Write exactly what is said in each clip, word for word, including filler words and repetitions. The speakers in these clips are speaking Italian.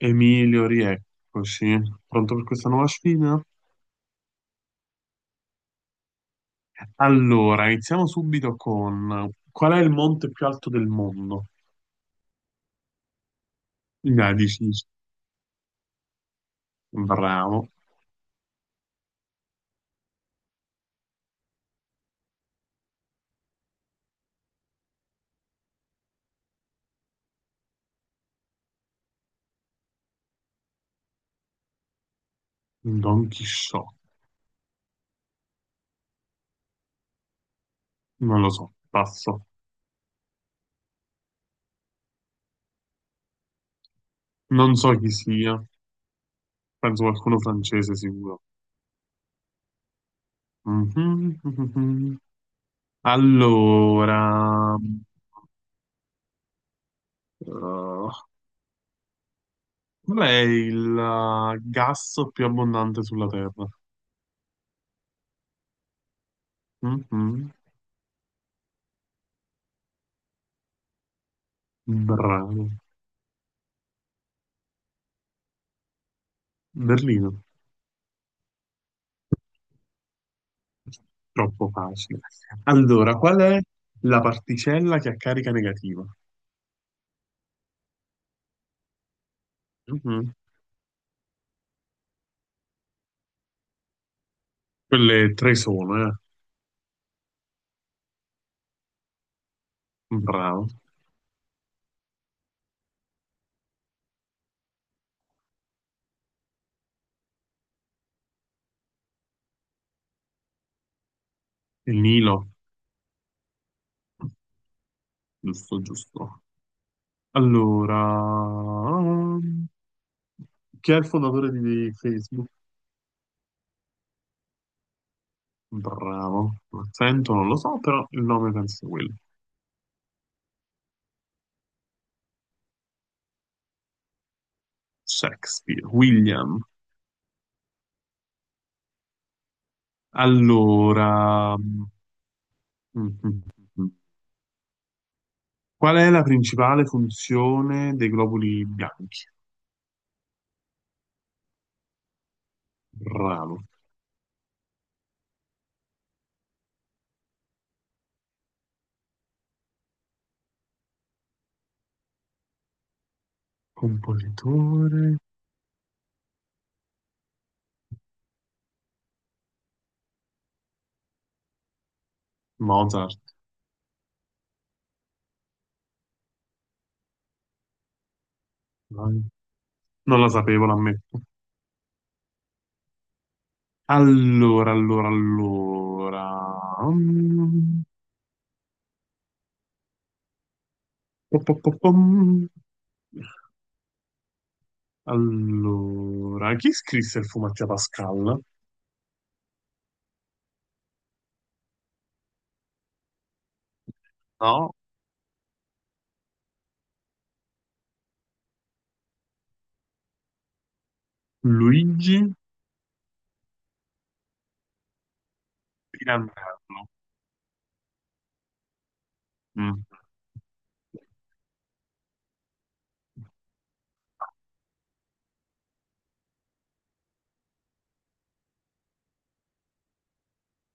Emilio, rieccoci. Pronto per questa nuova sfida? Allora, iniziamo subito con qual è il monte più alto del mondo? Dai, dici, bravo, Don Chisciotte. Non lo so, passo. Non so chi sia, penso qualcuno francese sicuro. Mhm, mhm. Allora, eh, qual è il eh, gas più abbondante sulla Terra? Mhm. Bravo. Berlino. Troppo facile. Allora, qual è la particella che ha carica negativa? Mhm. Quelle tre sono, eh. Bravo. Il Nilo. Giusto, giusto. Allora, chi è il fondatore di Facebook? Bravo. L'accento non lo so, però il nome penso sia quello. Shakespeare, William. Allora, mhm. qual è la principale funzione dei globuli bianchi? Bravo. Compositore Mozart. Vai. Non la sapevo, l'ammetto. Allora, allora, allora. Mm. Po- po- po- pom. Allora, chi scrisse il Fumetti a Pascal? No, Luigi Pirandello. Mm.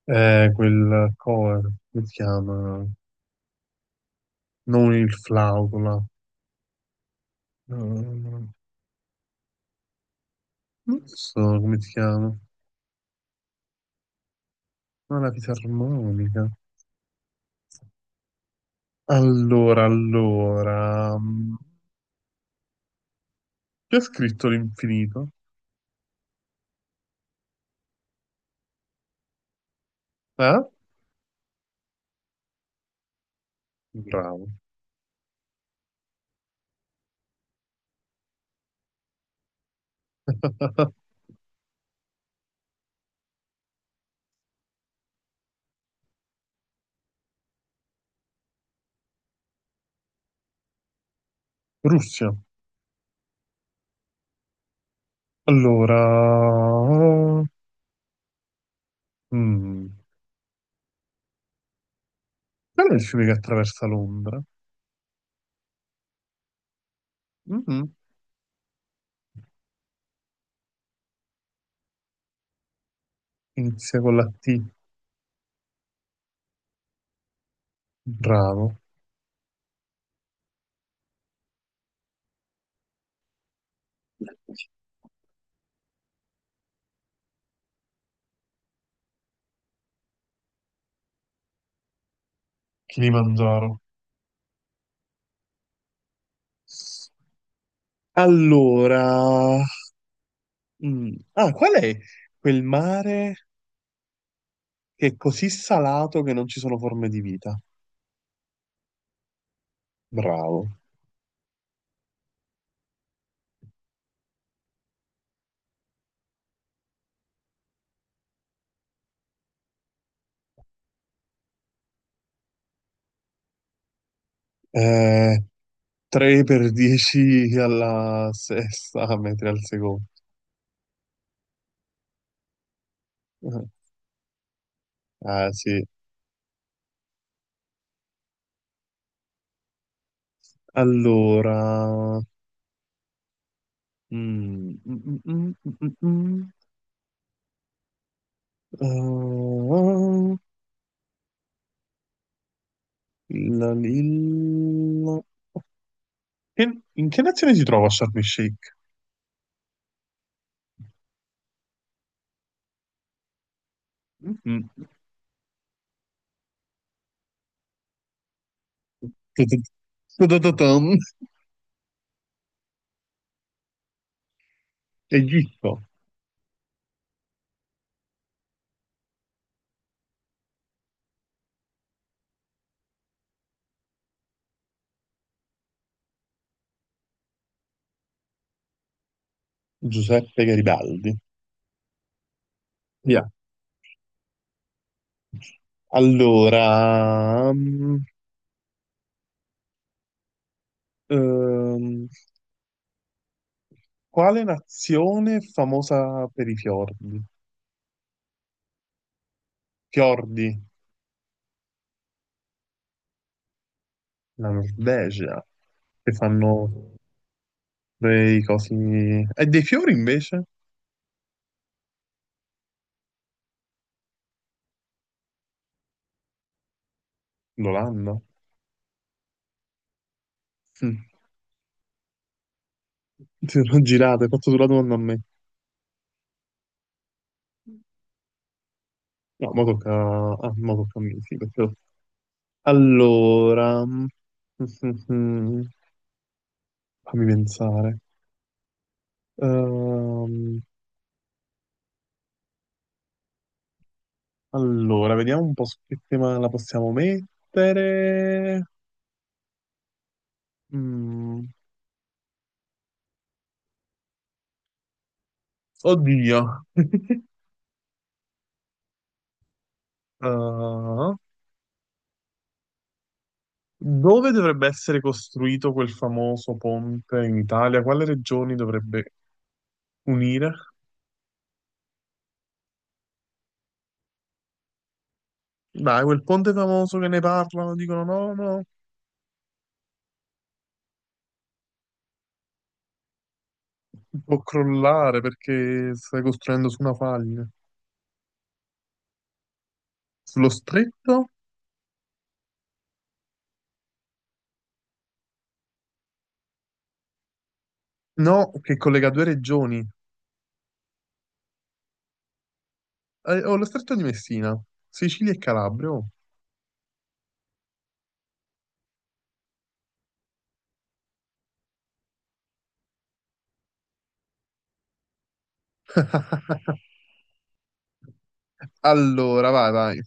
Eh, quel cover, come si chiama? Non il flauto, là. Eh, Non so come si chiama. Ma la fisarmonica. Allora, allora, mm, chi ha scritto l'infinito? Eh? Bravo. Russia. Allora, mm, qual è il fiume che attraversa Londra? Mhm. Inizia con la T. Bravo. Kilimangiaro. Allora, mm, ah, qual è quel mare che è così salato che non ci sono forme di vita? Bravo. Eh, tre per dieci alla sesta, metri al secondo. Ah, sì. Allora... mm, mm, mm, mm, mm, mm. Ah, la lilla... Che- in che nazione si trova Sharm el Sheikh? Mm. Ta-ta-ta-ta-tam. Egitto. Giuseppe Garibaldi. Via. Allora... mm, ehm, quale nazione è famosa per i fiordi? Fiordi, la Norvegia, che fanno dei cosi. E dei fiori invece? L'Olanda. Mm. Ti sono girate, hai fatto tu la domanda a me. No, ma tocca... ah, mo tocca a me, sì, perché- Allora... mm, mm, fammi pensare. Ehm, allora, vediamo un po' su che tema la possiamo mettere. Mm, Oddio. Ah, dove dovrebbe essere costruito quel famoso ponte in Italia? Quale regioni dovrebbe unire? Dai, quel ponte famoso che ne parlano, dicono no, no, può crollare perché stai costruendo su una faglia. Sullo stretto? No, che collega due regioni. Eh, oh, lo stretto di Messina, Sicilia e Calabria. Oh. Allora, vai, vai.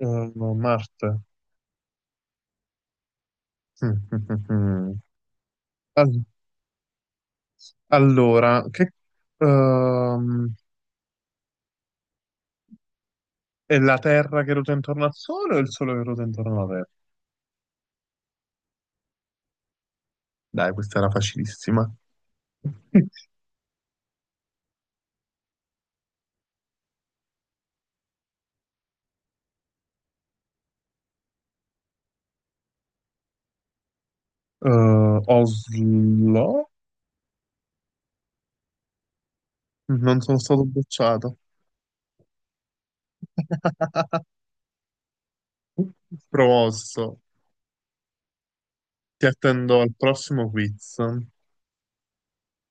Eh, no, Marte. Al- Allora, che... ehm, è la Terra che ruota intorno al Sole o il Sole che ruota intorno alla Terra? Dai, questa era facilissima. Eh, Oslo? Non sono stato bocciato. Promosso. Ti attendo al prossimo quiz.